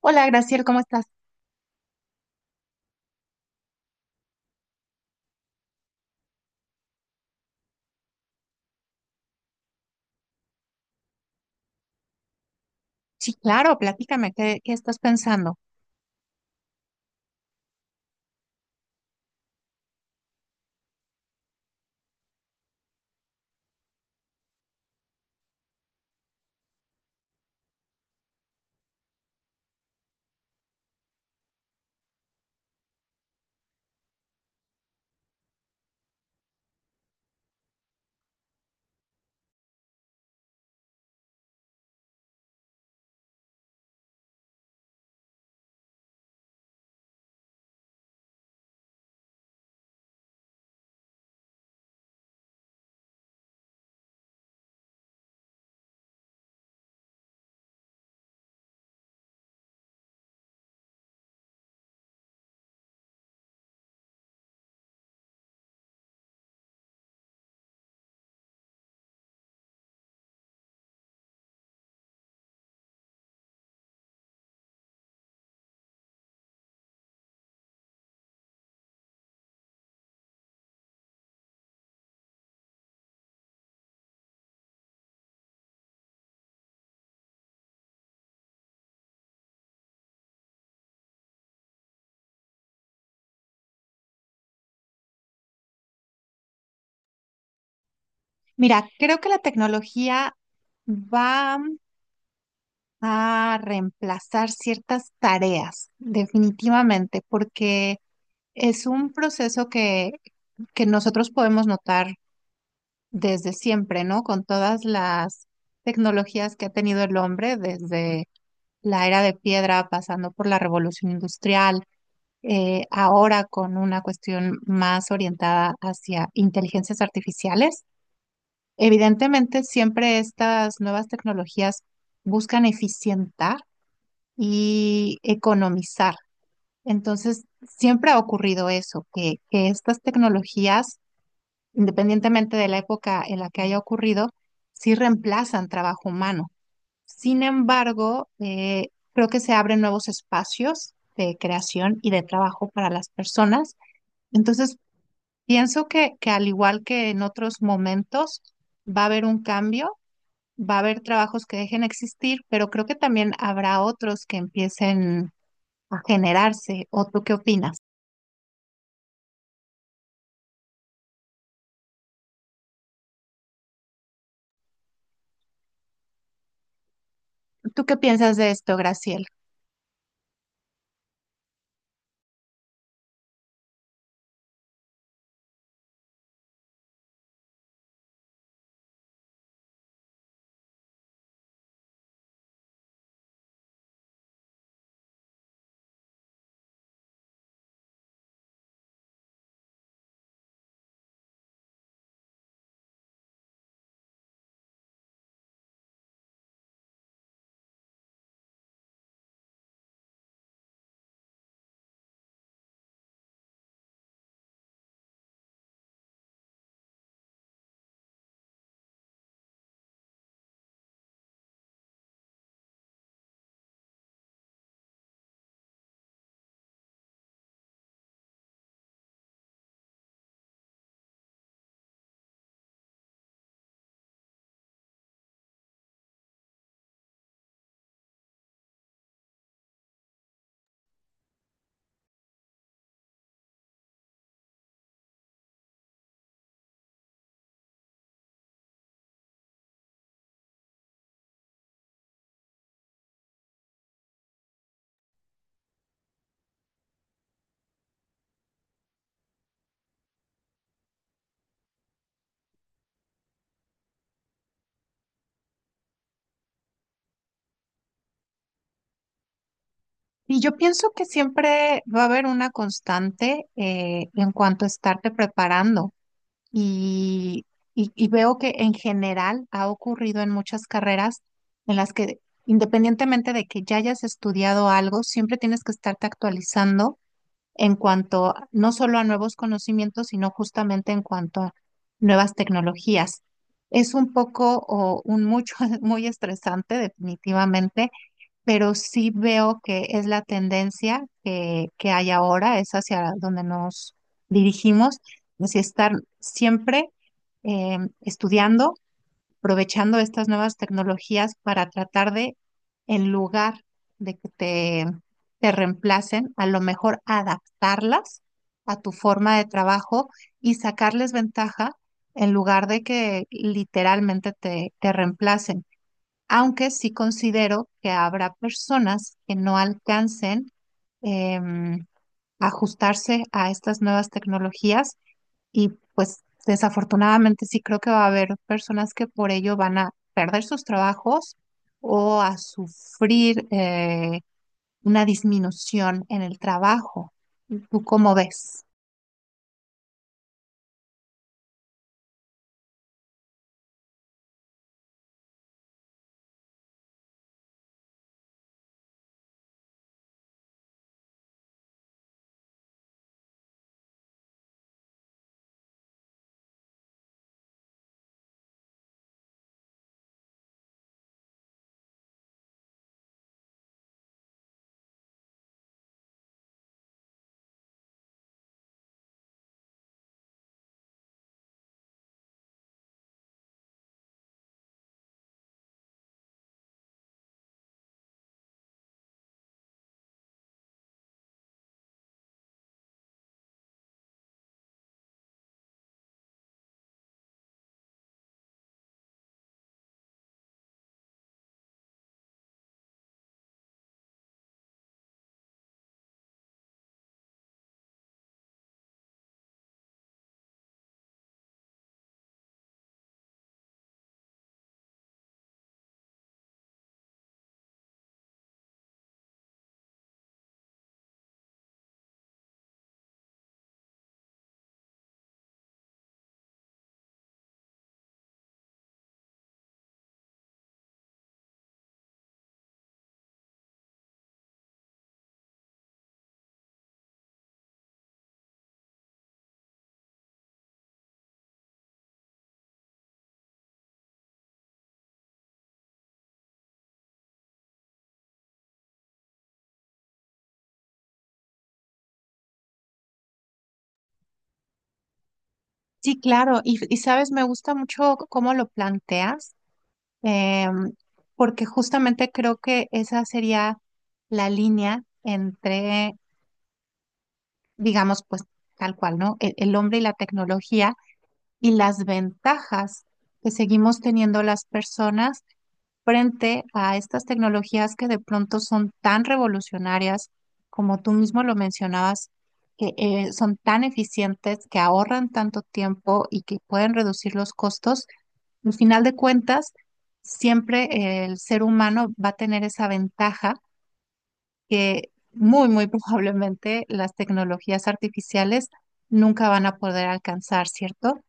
Hola, Graciel, ¿cómo estás? Sí, claro, platícame, ¿qué estás pensando? Mira, creo que la tecnología va a reemplazar ciertas tareas, definitivamente, porque es un proceso que nosotros podemos notar desde siempre, ¿no? Con todas las tecnologías que ha tenido el hombre, desde la era de piedra, pasando por la revolución industrial. Ahora con una cuestión más orientada hacia inteligencias artificiales. Evidentemente, siempre estas nuevas tecnologías buscan eficientar y economizar. Entonces, siempre ha ocurrido eso, que estas tecnologías, independientemente de la época en la que haya ocurrido, sí reemplazan trabajo humano. Sin embargo, creo que se abren nuevos espacios de creación y de trabajo para las personas. Entonces, pienso que al igual que en otros momentos va a haber un cambio, va a haber trabajos que dejen de existir, pero creo que también habrá otros que empiecen a generarse. ¿O tú qué opinas? ¿Tú qué piensas de esto, Graciela? Y yo pienso que siempre va a haber una constante en cuanto a estarte preparando. Y, y veo que en general ha ocurrido en muchas carreras en las que independientemente de que ya hayas estudiado algo, siempre tienes que estarte actualizando en cuanto a- no solo a nuevos conocimientos, sino justamente en cuanto a nuevas tecnologías. Es un poco o un mucho muy estresante, definitivamente, pero sí veo que es la tendencia que hay ahora, es hacia donde nos dirigimos, es estar siempre estudiando, aprovechando estas nuevas tecnologías para tratar de, en lugar de que te reemplacen, a lo mejor adaptarlas a tu forma de trabajo y sacarles ventaja en lugar de que literalmente te reemplacen, aunque sí considero que habrá personas que no alcancen em, ajustarse a estas nuevas tecnologías y pues desafortunadamente sí creo que va a haber personas que por ello van a perder sus trabajos o a sufrir una disminución en el trabajo. ¿Tú cómo ves? Sí, claro. Y sabes, me gusta mucho cómo lo planteas, em, porque justamente creo que esa sería la línea entre, digamos, pues tal cual, ¿no? El hombre y la tecnología y las ventajas que seguimos teniendo las personas frente a estas tecnologías que de pronto son tan revolucionarias, como tú mismo lo mencionabas, que son tan eficientes, que ahorran tanto tiempo y que pueden reducir los costos al final de cuentas, siempre el ser humano va a tener esa ventaja que muy, muy probablemente las tecnologías artificiales nunca van a poder alcanzar, ¿cierto?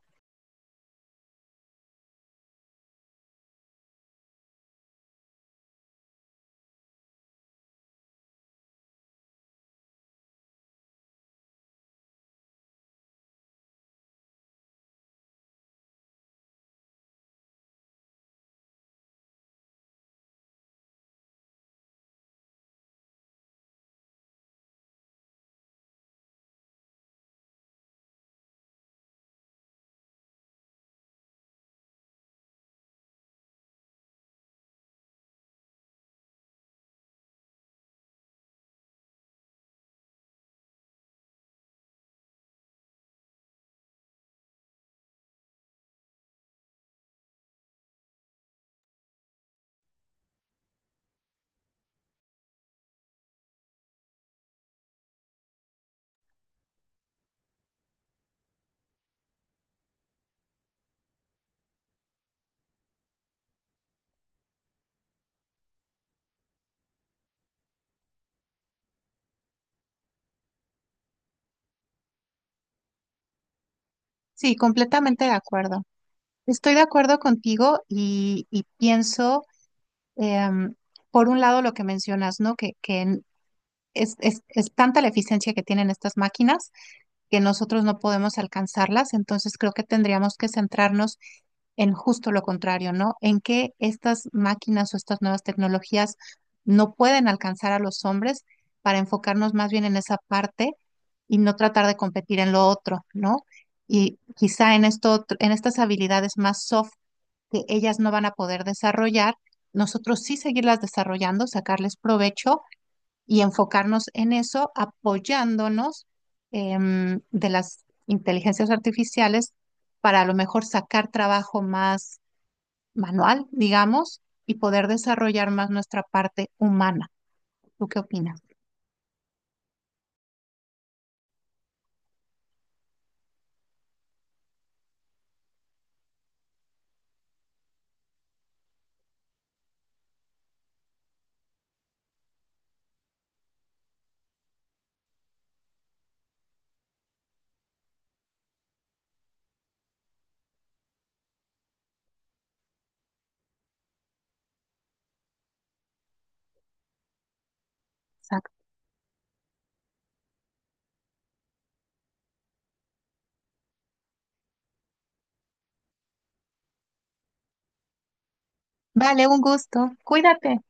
Sí, completamente de acuerdo. Estoy de acuerdo contigo y pienso, em, por un lado, lo que mencionas, ¿no? Es, es tanta la eficiencia que tienen estas máquinas que nosotros no podemos alcanzarlas, entonces creo que tendríamos que centrarnos en justo lo contrario, ¿no? En que estas máquinas o estas nuevas tecnologías no pueden alcanzar a los hombres para enfocarnos más bien en esa parte y no tratar de competir en lo otro, ¿no? Y quizá en esto, otro- en estas habilidades más soft que ellas no van a poder desarrollar, nosotros sí seguirlas desarrollando, sacarles provecho y enfocarnos en eso apoyándonos de las inteligencias artificiales para a lo mejor sacar trabajo más manual, digamos, y poder desarrollar más nuestra parte humana. ¿Tú qué opinas? Exacto. Vale, un gusto. Cuídate.